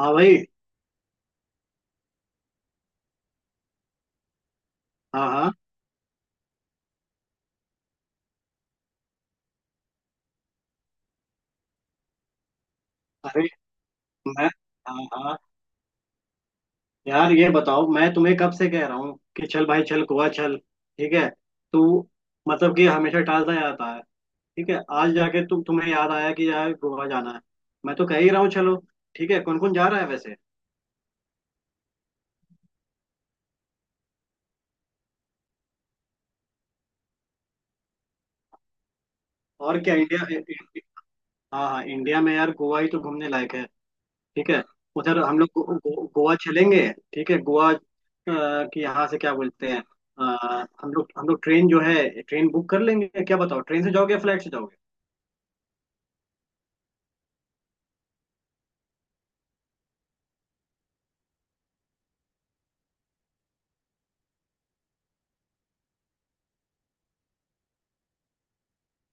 हाँ भाई। हाँ हाँ। अरे। मैं। हाँ हाँ। यार ये बताओ मैं तुम्हें कब से कह रहा हूँ कि चल भाई चल गोवा चल। ठीक है। तू मतलब कि हमेशा टालता जाता है। ठीक है, आज जाके तुम्हें याद आया कि यार गोवा जाना है। मैं तो कह ही रहा हूँ, चलो। ठीक है, कौन कौन जा रहा है वैसे? और क्या, इंडिया? हाँ हाँ, इंडिया में यार गोवा ही तो घूमने लायक है। ठीक है। उधर हम लोग गो, गो, गोवा चलेंगे। ठीक है, गोवा कि यहाँ से क्या बोलते हैं। हम लोग ट्रेन जो है ट्रेन बुक कर लेंगे, क्या बताओ, ट्रेन से जाओगे या फ्लाइट से जाओगे?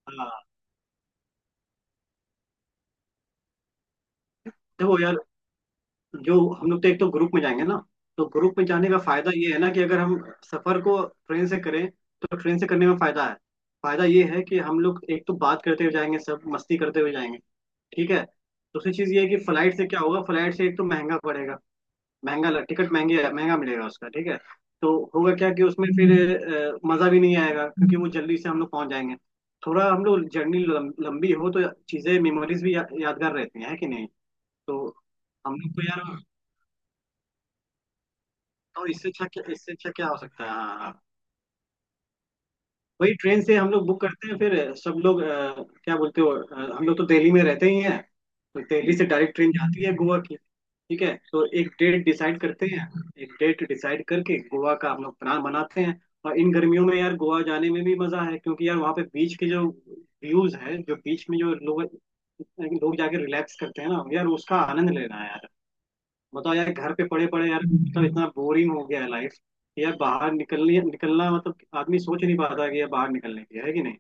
हाँ। देखो यार, जो हम लोग तो एक तो ग्रुप में जाएंगे ना। तो ग्रुप में जाने का फायदा ये है ना कि अगर हम सफर को ट्रेन से करें तो ट्रेन से करने में फायदा है। फायदा ये है कि हम लोग एक तो बात करते हुए जाएंगे, सब मस्ती करते हुए जाएंगे। ठीक है। दूसरी चीज ये है कि फ्लाइट से क्या होगा, फ्लाइट से एक तो महंगा पड़ेगा। महंगा लग टिकट महंगे, महंगा मिलेगा उसका, ठीक है। तो होगा क्या कि उसमें फिर मजा भी नहीं आएगा, क्योंकि वो जल्दी से हम लोग पहुंच जाएंगे। थोड़ा हम लोग जर्नी लंबी हो तो चीजें, मेमोरीज भी यादगार रहती हैं, है कि नहीं? तो हम लोग को यार, तो इससे अच्छा क्या, इससे अच्छा क्या हो सकता है? हाँ हाँ। हाँ। वही, ट्रेन से हम लोग बुक करते हैं, फिर सब लोग क्या बोलते हो, हम लोग तो दिल्ली में रहते ही हैं। तो दिल्ली से डायरेक्ट ट्रेन जाती है गोवा की। ठीक है, तो एक डेट डिसाइड करते हैं। एक डेट डिसाइड करके गोवा का हम लोग प्लान बनाते हैं। और इन गर्मियों में यार गोवा जाने में भी मजा है, क्योंकि यार वहाँ पे बीच के जो व्यूज है, जो बीच में जो लोग लोग जाके रिलैक्स करते हैं ना यार, उसका आनंद लेना है यार। बताओ यार, घर पे पड़े पड़े यार, मतलब इतना बोरिंग हो गया है लाइफ यार। बाहर निकलनी निकलना, मतलब आदमी सोच नहीं पाता कि यार बाहर निकलने की है कि नहीं।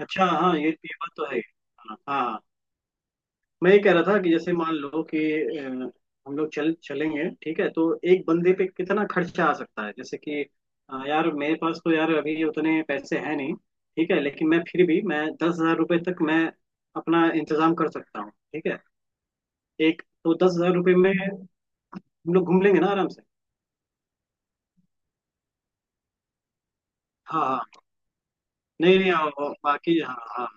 अच्छा, हाँ, ये बात तो है, हाँ हाँ। मैं ये कह रहा था कि जैसे मान लो कि अ, हम लोग चल चलेंगे, ठीक है, तो एक बंदे पे कितना खर्चा आ सकता है, जैसे कि यार मेरे पास तो यार अभी उतने पैसे हैं नहीं। ठीक है, लेकिन मैं, फिर भी मैं 10,000 रुपये तक मैं अपना इंतजाम कर सकता हूँ। ठीक है। एक तो 10,000 रुपये में हम लोग घूम लेंगे ना आराम से। हाँ हाँ। नहीं नहीं, हाँ, हाँ, बाकी हाँ हाँ।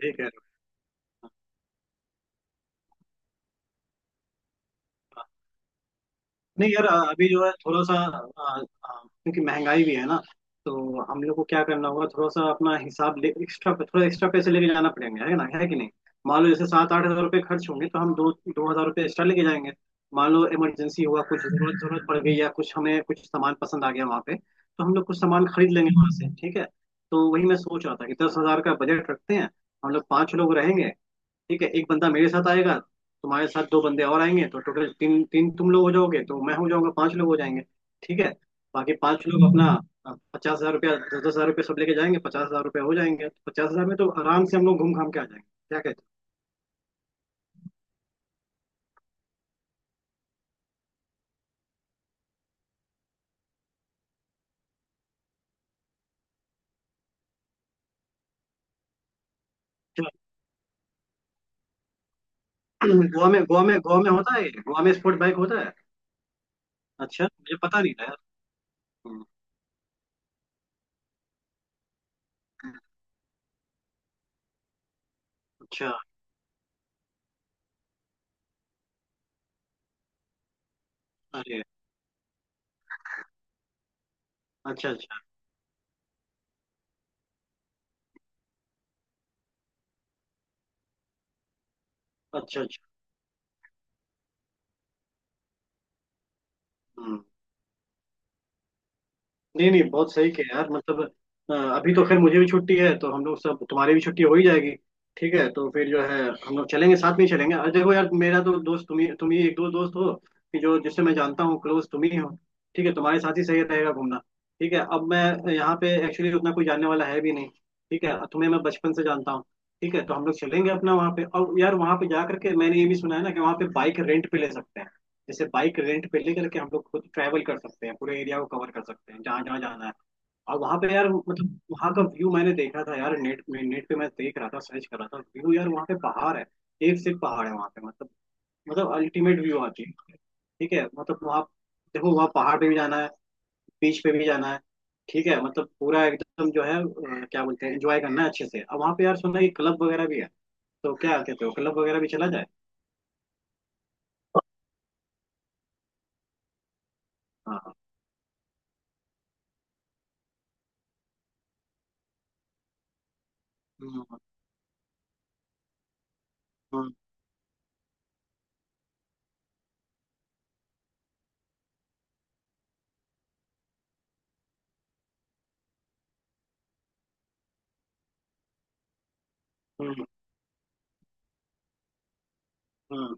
ठीक है। नहीं यार, अभी जो है थोड़ा सा आ, आ, क्योंकि महंगाई भी है ना। तो हम लोग को क्या करना होगा, थोड़ा सा अपना हिसाब ले, एक्स्ट्रा, थोड़ा एक्स्ट्रा पैसे लेके जाना पड़ेंगे, है ना, है कि नहीं? मान लो जैसे सात आठ हजार रुपये खर्च होंगे तो हम दो दो हजार रुपये एक्स्ट्रा लेके जाएंगे। मान लो इमरजेंसी हुआ, कुछ जरूरत जरूरत पड़ गई, या कुछ हमें, कुछ सामान पसंद आ गया वहाँ पे, तो हम लोग कुछ सामान खरीद लेंगे वहाँ से, ठीक है। तो वही मैं सोच रहा था कि 10,000 का बजट रखते हैं। हम लोग पाँच लोग रहेंगे। ठीक है, एक बंदा मेरे साथ आएगा, तुम्हारे साथ दो बंदे और आएंगे, तो टोटल तीन तीन तुम लोग हो जाओगे, तो मैं हो जाऊंगा, पांच लोग हो जाएंगे। ठीक है। बाकी पांच लोग अपना 50,000 रुपया, दस दस हजार रुपया सब लेके जाएंगे, 50,000 रुपया हो जाएंगे, तो 50,000 में तो आराम से हम लोग घूम घाम के आ जाएंगे, क्या कहते हो? चलो, गोवा में होता है ये? गोवा में स्पोर्ट बाइक होता है? अच्छा, मुझे पता नहीं था यार। हम्म। अच्छा। अरे। अच्छा अच्छा। अच्छा अच्छा। हम्म। नहीं नहीं, बहुत सही किया यार, मतलब अभी तो खैर मुझे भी छुट्टी है, तो हम लोग सब, तुम्हारी भी छुट्टी हो ही जाएगी। ठीक है, तो फिर जो है हम लोग चलेंगे, साथ में ही चलेंगे। और देखो यार, मेरा तो दोस्त तुम ही एक दो दोस्त हो, कि जो, जिससे मैं जानता हूँ क्लोज, तुम ही हो। ठीक है, तुम्हारे साथ ही सही रहेगा घूमना। ठीक है, अब मैं यहाँ पे एक्चुअली उतना कोई जानने वाला है भी नहीं। ठीक है, तुम्हें मैं बचपन से जानता हूँ। ठीक है, तो हम लोग चलेंगे अपना वहाँ पे, और यार वहाँ पे जा करके मैंने ये भी सुना है ना कि वहाँ पे बाइक रेंट पे ले सकते हैं। जैसे बाइक रेंट पे लेकर के हम लोग खुद ट्रैवल कर सकते हैं, पूरे एरिया को कवर कर सकते हैं, जहाँ जहाँ जाना है। और वहाँ पे यार, मतलब वहाँ का व्यू मैंने देखा था यार, नेट पे मैं देख रहा था, सर्च कर रहा था व्यू, यार वहाँ पे पहाड़ है। एक से एक पहाड़ है वहाँ पे, मतलब, मतलब अल्टीमेट व्यू आती है। ठीक है, मतलब वहाँ, देखो वहाँ पहाड़ पे भी जाना है, बीच पे भी जाना है। ठीक है, मतलब पूरा एकदम जो है क्या बोलते हैं, एंजॉय करना है अच्छे से। अब वहाँ पे यार सुना है क्लब वगैरह भी है। तो क्या कहते हो, क्लब वगैरह भी चला जाए। हाँ हाँ। हम्म। हम्म। हम्म। हम्म।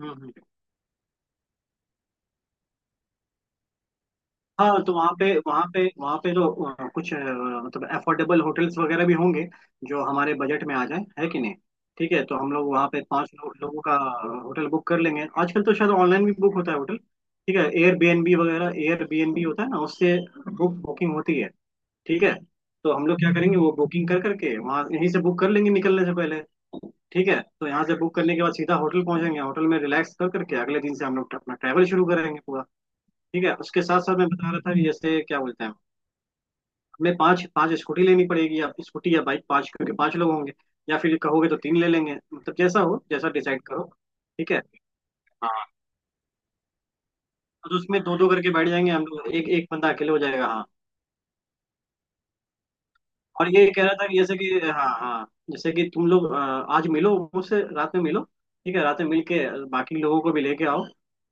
हम्म। हाँ, तो वहाँ पे वहाँ पे तो कुछ, मतलब अफोर्डेबल होटल्स वगैरह भी होंगे जो हमारे बजट में आ जाए, है कि नहीं? ठीक है, तो हम लोग वहाँ पे लोगों का होटल बुक कर लेंगे। आजकल तो शायद ऑनलाइन भी बुक होता है होटल। ठीक है, एयरबीएनबी वगैरह, एयरबीएनबी होता है ना, उससे बुकिंग होती है। ठीक है। तो हम लोग क्या करेंगे, वो बुकिंग कर करके, वहाँ, यहीं से बुक कर लेंगे निकलने से पहले। ठीक है, तो यहाँ से बुक करने के बाद सीधा होटल पहुंचेंगे, होटल में रिलैक्स कर करके अगले दिन से हम लोग अपना ट्रैवल शुरू करेंगे पूरा। ठीक है, उसके साथ साथ मैं बता रहा था कि जैसे क्या बोलते हैं, हमें पांच पांच स्कूटी लेनी पड़ेगी, या स्कूटी या बाइक पांच, क्योंकि पांच लोग होंगे। या फिर कहोगे तो तीन ले लेंगे, मतलब जैसा हो जैसा डिसाइड करो। ठीक है। हाँ। और उसमें दो दो करके बैठ जाएंगे हम लोग, एक एक बंदा अकेले हो जाएगा, हाँ। और ये कह रहा था कि जैसे कि, हाँ हाँ, जैसे कि तुम लोग आज मिलो मुझसे, रात में मिलो। ठीक है, रात में मिल के बाकी लोगों को भी लेके आओ।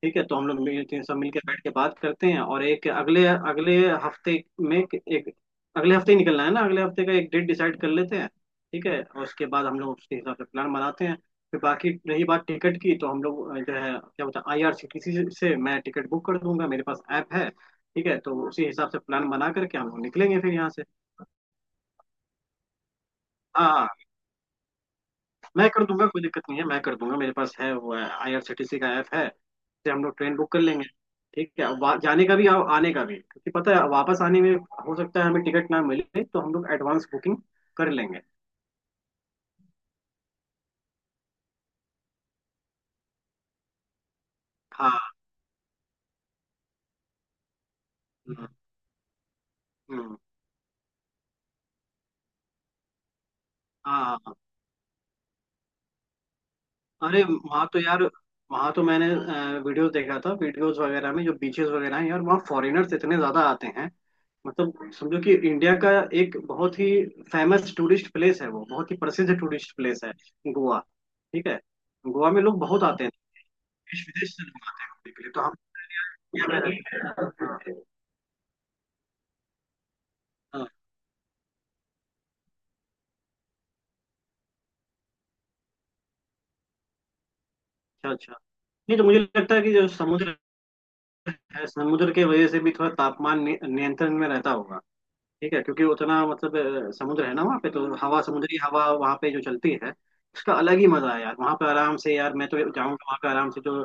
ठीक है, तो हम लोग मिलते हैं, सब मिल के बैठ के बात करते हैं, और एक अगले अगले हफ्ते में एक एक- अगले हफ्ते ही निकलना है ना, अगले हफ्ते का एक डेट डिसाइड कर लेते हैं। ठीक है, और उसके बाद हम लोग उसके हिसाब से प्लान बनाते हैं। फिर बाकी रही बात टिकट की, तो हम लोग जो है, क्या बोलते हैं, आईआरसीटीसी से मैं टिकट बुक कर दूंगा, मेरे पास ऐप है। ठीक है, तो उसी हिसाब से प्लान बना करके हम लोग निकलेंगे फिर यहाँ से। हाँ हाँ, मैं कर दूंगा, कोई दिक्कत नहीं है, मैं कर दूंगा, मेरे पास है वो आईआरसीटीसी का ऐप है, से हम लोग ट्रेन बुक कर लेंगे। ठीक है, जाने का भी और आने का भी, क्योंकि पता है वापस आने में हो सकता है हमें टिकट ना मिले, तो हम लोग एडवांस बुकिंग कर लेंगे। हाँ। हम्म। हम्म। हाँ हाँ। अरे, वहाँ तो यार, वहाँ तो मैंने वीडियोस देखा था, वीडियोस वगैरह में जो बीचेस वगैरह हैं यार, वहाँ फॉरेनर्स इतने ज्यादा आते हैं। मतलब समझो कि इंडिया का एक बहुत ही फेमस टूरिस्ट प्लेस है, वो बहुत ही प्रसिद्ध टूरिस्ट प्लेस है गोवा। ठीक है। गोवा में लोग बहुत आते हैं, देश विदेश से लोग आते हैं घूमने के लिए, तो हम यहाँ पे रहते हैं। हाँ, अच्छा अच्छा। नहीं, तो मुझे लगता है कि जो समुद्र है, समुद्र के वजह से भी थोड़ा तापमान नियंत्रण में रहता होगा। ठीक है, क्योंकि उतना मतलब समुद्र है ना वहाँ पे, तो हवा, समुद्री हवा वहाँ पे जो चलती है, उसका अलग ही मजा है यार। वहाँ पे आराम से, यार मैं तो जाऊँगा वहाँ पे आराम से, जो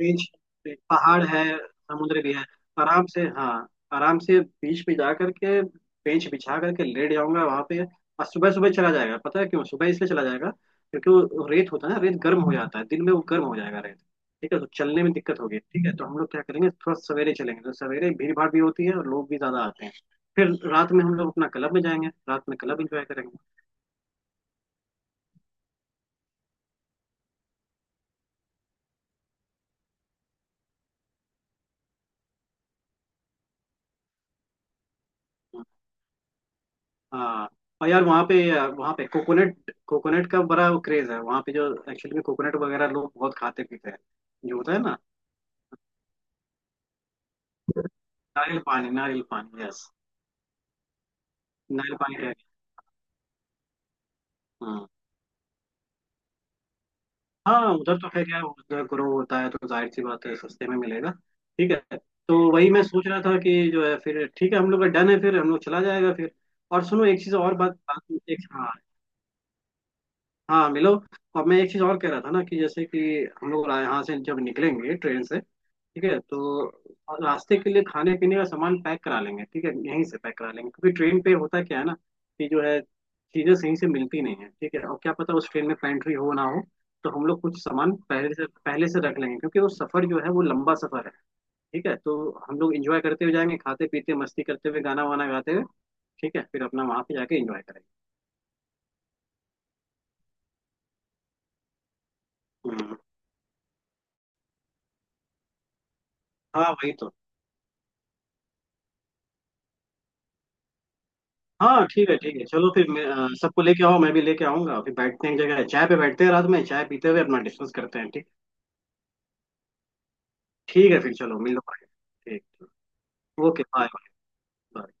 बीच, पहाड़ है, समुद्र भी है, तो आराम से, हाँ, आराम से बीच पे जा करके बेंच बिछा करके लेट जाऊंगा वहाँ पे, और सुबह सुबह चला जाएगा, पता है क्यों सुबह इसलिए चला जाएगा, क्योंकि वो रेत होता है ना, रेत गर्म हो जाता है दिन में, वो गर्म हो जाएगा रेत। ठीक है, तो चलने में दिक्कत होगी। ठीक है, तो हम लोग क्या करेंगे, थोड़ा सवेरे चलेंगे, तो सवेरे भीड़ भाड़ भी होती है और लोग भी ज्यादा आते हैं। फिर रात में हम लोग अपना क्लब में जाएंगे, रात में क्लब एंजॉय करेंगे। हाँ, और यार वहाँ पे, कोकोनट, कोकोनट का बड़ा वो क्रेज है वहाँ पे, जो एक्चुअली में कोकोनट वगैरह लोग बहुत खाते पीते हैं, जो होता है ना। नारियल पानी, नारियल पानी, यस। नारियल पानी है। हाँ हाँ, उधर तो खैर यार, उधर ग्रो होता है तो जाहिर सी बात है सस्ते में मिलेगा। ठीक है। तो वही मैं सोच रहा था कि जो है, फिर ठीक है हम लोग का डन है, फिर हम लोग चला जाएगा फिर। और सुनो, एक चीज और, बात बात एक, हाँ। हाँ, मिलो। और मैं एक चीज और कह रहा था ना, कि जैसे कि हम लोग यहाँ से जब निकलेंगे ट्रेन से, ठीक है, तो रास्ते के लिए खाने पीने का सामान पैक करा लेंगे। ठीक है, यहीं से पैक करा लेंगे, क्योंकि ट्रेन पे होता क्या है ना कि जो है, चीजें सही से मिलती नहीं है। ठीक है, और क्या पता उस ट्रेन में पेंट्री हो ना हो, तो हम लोग कुछ सामान पहले से रख लेंगे, क्योंकि वो सफर जो है वो लंबा सफर है। ठीक है, तो हम लोग इंजॉय करते हुए जाएंगे, खाते पीते मस्ती करते हुए, गाना वाना गाते हुए। ठीक है, फिर अपना वहां पे जाके इंजॉय करेंगे। हम्म, हाँ वही तो। हाँ, ठीक है, ठीक है, चलो फिर मैं सबको लेके आओ, मैं भी लेके आऊंगा, फिर बैठते हैं एक जगह चाय पे, बैठते हैं रात में चाय पीते हुए अपना डिस्कस करते हैं, ठीक। ठीक है, फिर चलो मिलो, बाय। ठीक। Okay, bye. बाय।